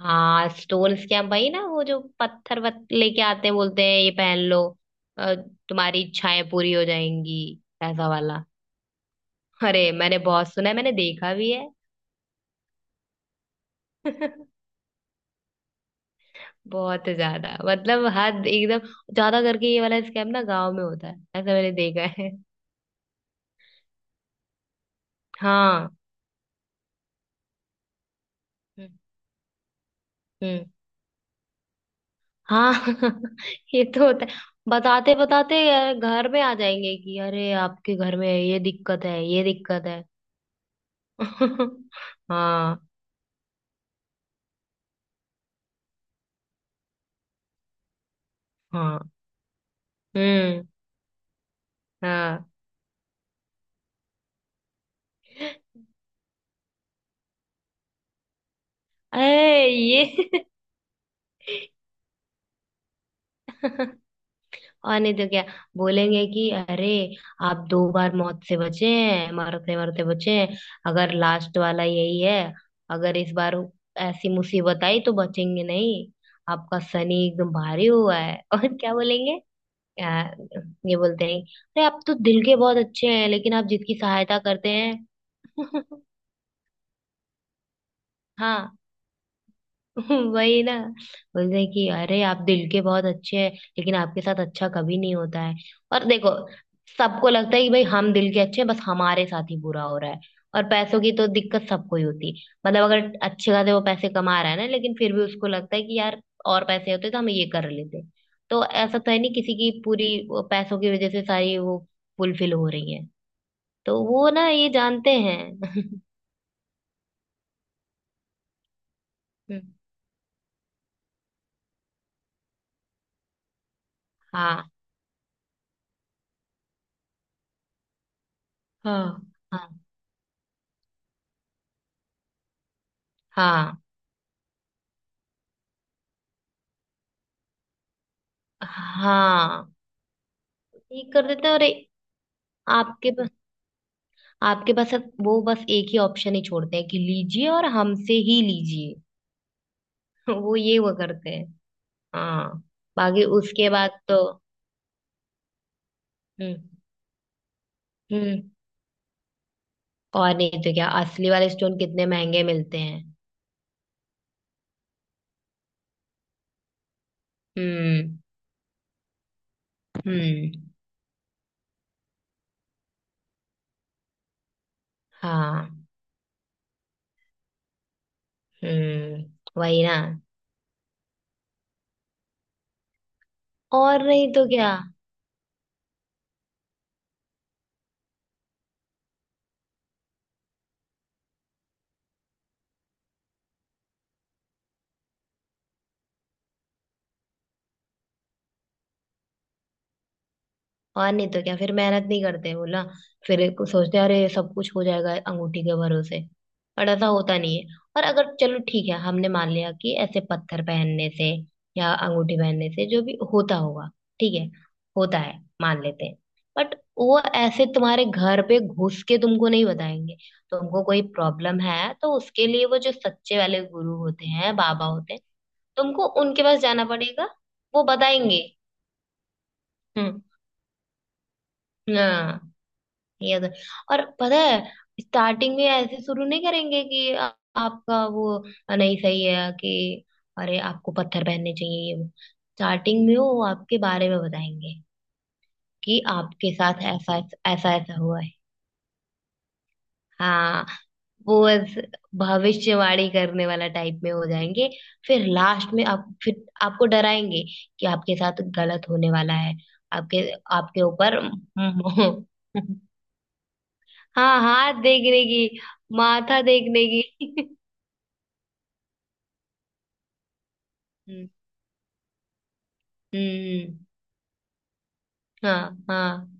हाँ। स्टोन्स क्या भाई? ना वो जो पत्थर वत लेके आते हैं, बोलते हैं ये पहन लो अ, तुम्हारी इच्छाएं पूरी हो जाएंगी, ऐसा वाला। अरे मैंने बहुत सुना है, मैंने देखा भी है। बहुत ज्यादा, मतलब हद एकदम। ज्यादा करके ये वाला स्कैम ना गांव में होता है, ऐसा मैंने देखा है। हाँ। हम्म। हम्म, हाँ। ये तो होता है। बताते बताते घर में आ जाएंगे कि अरे आपके घर में ये दिक्कत है, ये दिक्कत है। हाँ। हाँ। हम्म। हाँ। अरे ये। और नहीं तो क्या? बोलेंगे कि अरे आप दो बार मौत से बचे हैं, मरते मरते बचे हैं। अगर लास्ट वाला यही है, अगर इस बार ऐसी मुसीबत आई तो बचेंगे नहीं। आपका शनि एकदम भारी हुआ है। और क्या बोलेंगे? आ, ये बोलते हैं अरे आप तो दिल के बहुत अच्छे हैं, लेकिन आप जिसकी सहायता करते हैं। हाँ। वही ना। बोलते हैं कि अरे आप दिल के बहुत अच्छे हैं, लेकिन आपके साथ अच्छा कभी नहीं होता है। और देखो, सबको लगता है कि भाई हम दिल के अच्छे हैं, बस हमारे साथ ही बुरा हो रहा है। और पैसों की तो दिक्कत सबको ही होती है। मतलब अगर अच्छे खासे वो पैसे कमा रहा है ना, लेकिन फिर भी उसको लगता है कि यार और पैसे होते तो हम ये कर लेते। तो ऐसा तो है नहीं किसी की पूरी वो पैसों की वजह से सारी वो फुलफिल हो रही है। तो वो ना ये जानते हैं। हाँ। हाँ। हाँ। हाँ। हाँ। ठीक कर देते हैं और आपके पास, आपके पास अब वो बस एक ही ऑप्शन ही छोड़ते हैं कि लीजिए और हमसे ही लीजिए। वो ये वो करते हैं। हाँ। बाकी उसके बाद तो। हम्म। हम्म। और नहीं तो क्या? असली वाले स्टोन कितने महंगे मिलते हैं। हम्म। हम्म। हाँ। हम्म। वही ना। और नहीं तो क्या। और नहीं तो क्या, फिर मेहनत नहीं करते बोला। फिर को सोचते हैं, अरे सब कुछ हो जाएगा अंगूठी के भरोसे। पर ऐसा होता नहीं है। और अगर चलो ठीक है, हमने मान लिया कि ऐसे पत्थर पहनने से या अंगूठी पहनने से जो भी होता होगा, ठीक है, होता है मान लेते हैं। बट वो ऐसे तुम्हारे घर पे घुस के तुमको नहीं बताएंगे। तुमको कोई प्रॉब्लम है तो उसके लिए वो जो सच्चे वाले गुरु होते हैं, बाबा होते हैं, तुमको उनके पास जाना पड़ेगा। वो बताएंगे। हम्म। हाँ। ये तो। और पता है स्टार्टिंग में ऐसे शुरू नहीं करेंगे कि आपका वो नहीं सही है कि अरे आपको पत्थर पहनने चाहिए, ये वो। स्टार्टिंग में वो आपके बारे में बताएंगे कि आपके साथ ऐसा ऐसा ऐसा हुआ है। हाँ। वो ऐसे भविष्यवाणी करने वाला टाइप में हो जाएंगे। फिर लास्ट में आप फिर आपको डराएंगे कि आपके साथ गलत होने वाला है, आपके आपके ऊपर। हाँ, हाथ देखने की, माथा देखने की। हम्म। हम्म। हाँ। हाँ।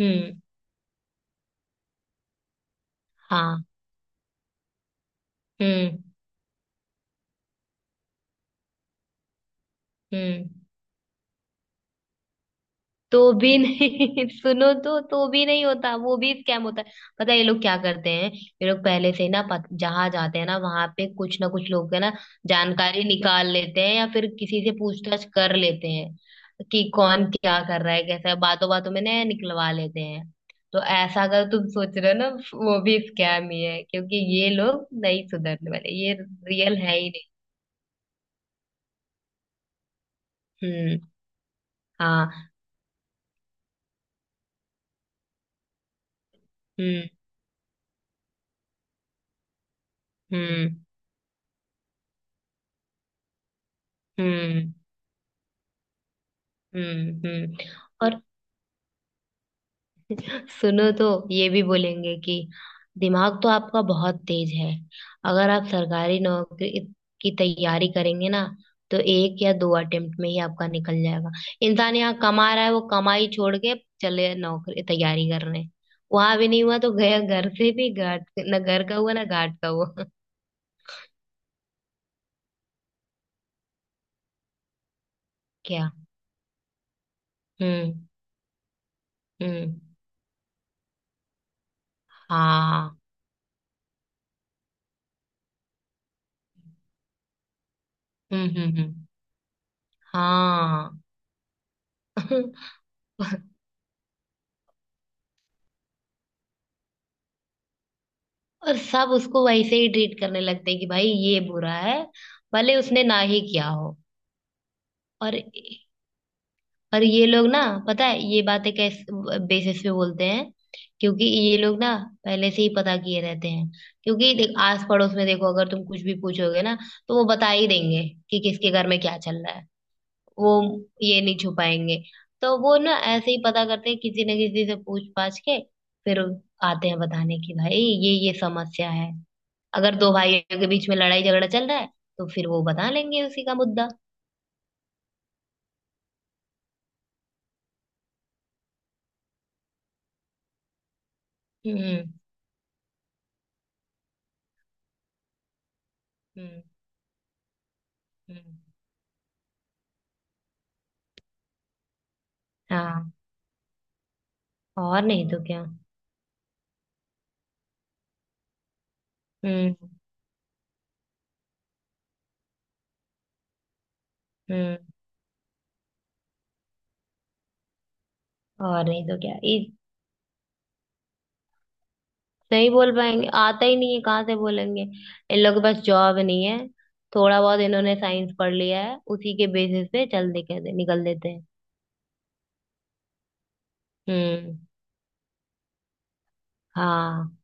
हम्म। हाँ। हम्म। हम्म। तो भी नहीं। सुनो तो भी नहीं होता, वो भी स्कैम होता है। पता है ये लोग क्या करते हैं? ये लोग पहले से ही ना जहाँ जाते हैं ना वहां पे कुछ ना कुछ लोग है ना, जानकारी निकाल लेते हैं या फिर किसी से पूछताछ कर लेते हैं कि कौन क्या कर रहा है, कैसा है, बातों बातों में नया निकलवा लेते हैं। तो ऐसा अगर तुम सोच रहे हो ना, वो भी स्कैम ही है, क्योंकि ये लोग नहीं सुधरने वाले, ये रियल है ही नहीं। हम्म। हाँ। हम्म। हम्म। हम्म। हम्म। हम्म। और सुनो तो ये भी बोलेंगे कि दिमाग तो आपका बहुत तेज है, अगर आप सरकारी नौकरी की तैयारी करेंगे ना तो एक या दो अटेम्प्ट में ही आपका निकल जाएगा। इंसान यहाँ कमा रहा है, वो कमाई छोड़ के चले नौकरी तैयारी करने, वहां भी नहीं हुआ तो गया घर से भी घाट। ना घर का हुआ ना घाट का हुआ। क्या। हम्म। हम्म। हाँ। हम्म। हम्म। हम्म। हाँ। और सब उसको वैसे ही ट्रीट करने लगते हैं कि भाई ये बुरा है, भले उसने ना ही किया हो। और और ये लोग ना, पता है ये बातें कैसे बेसिस पे बोलते हैं? क्योंकि ये लोग ना पहले से ही पता किए रहते हैं। क्योंकि देख आस पड़ोस में देखो, अगर तुम कुछ भी पूछोगे ना तो वो बता ही देंगे कि किसके घर में क्या चल रहा है। वो ये नहीं छुपाएंगे। तो वो ना ऐसे ही पता करते हैं किसी न किसी से पूछ पाछ के। फिर आते हैं बताने की भाई ये समस्या है। अगर दो भाइयों के बीच में लड़ाई झगड़ा चल रहा है तो फिर वो बता लेंगे उसी का मुद्दा। हम्म। हम्म। हम्म। हाँ। और नहीं तो क्या। हम्म। हम्म। और नहीं तो क्या। इस नहीं बोल पाएंगे, आता ही नहीं है, कहाँ से बोलेंगे, इन लोगों के पास जॉब नहीं है। थोड़ा बहुत इन्होंने साइंस पढ़ लिया है, उसी के बेसिस पे चल दे कहते निकल देते हैं। हम्म। हाँ।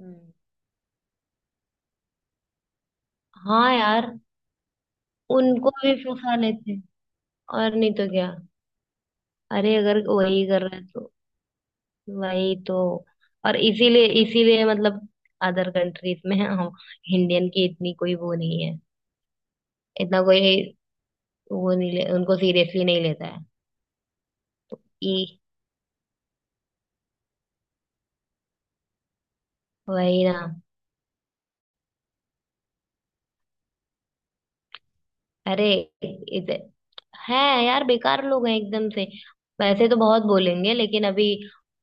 हम्म। हाँ यार, उनको भी फंसा लेते हैं। और नहीं तो क्या। अरे अगर वही कर रहे हैं तो। वही तो। और इसीलिए इसीलिए मतलब अदर कंट्रीज में हम इंडियन की इतनी कोई वो नहीं है। इतना कोई वो नहीं ले, उनको सीरियसली नहीं लेता है। ई वही ना। अरे इधर है। यार बेकार लोग हैं एकदम से। वैसे तो बहुत बोलेंगे, लेकिन अभी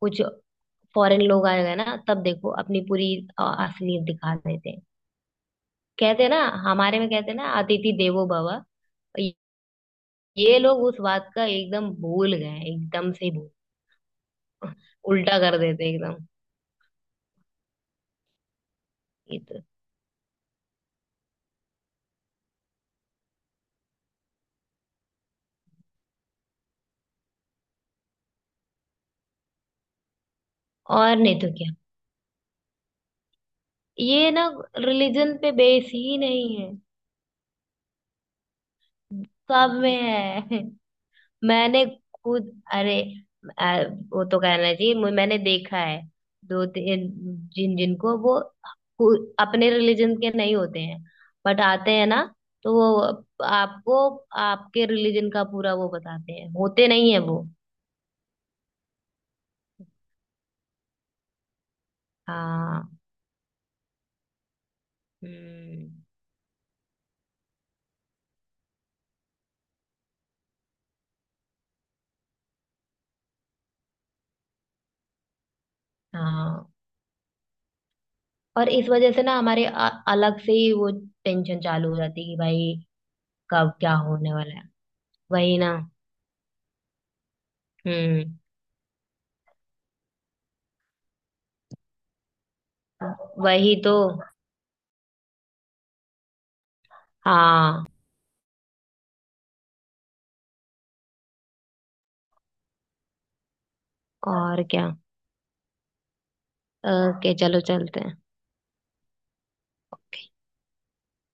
कुछ फॉरेन लोग आए हुए हैं ना तब देखो अपनी पूरी असलियत दिखा देते हैं। कहते हैं ना, हमारे में कहते हैं ना अतिथि देवो भव। ये लोग उस बात का एकदम भूल गए हैं, एकदम से ही। उल्टा कर देते एकदम। ये तो। और नहीं तो क्या। ये ना रिलीजन पे बेस ही नहीं है। सब में है। मैंने खुद अरे वो तो कहना चाहिए मैंने देखा है दो तीन जिन जिनको वो खु- अपने रिलीजन के नहीं होते हैं बट आते हैं ना, तो वो आपको आपके रिलीजन का पूरा वो बताते हैं, होते नहीं है वो। हाँ। हम्म। हाँ। और इस वजह से ना हमारे अलग से ही वो टेंशन चालू हो जाती है कि भाई कब क्या होने वाला है। वही ना। हम्म। वही तो। हाँ। और क्या। ओके चलो चलते हैं।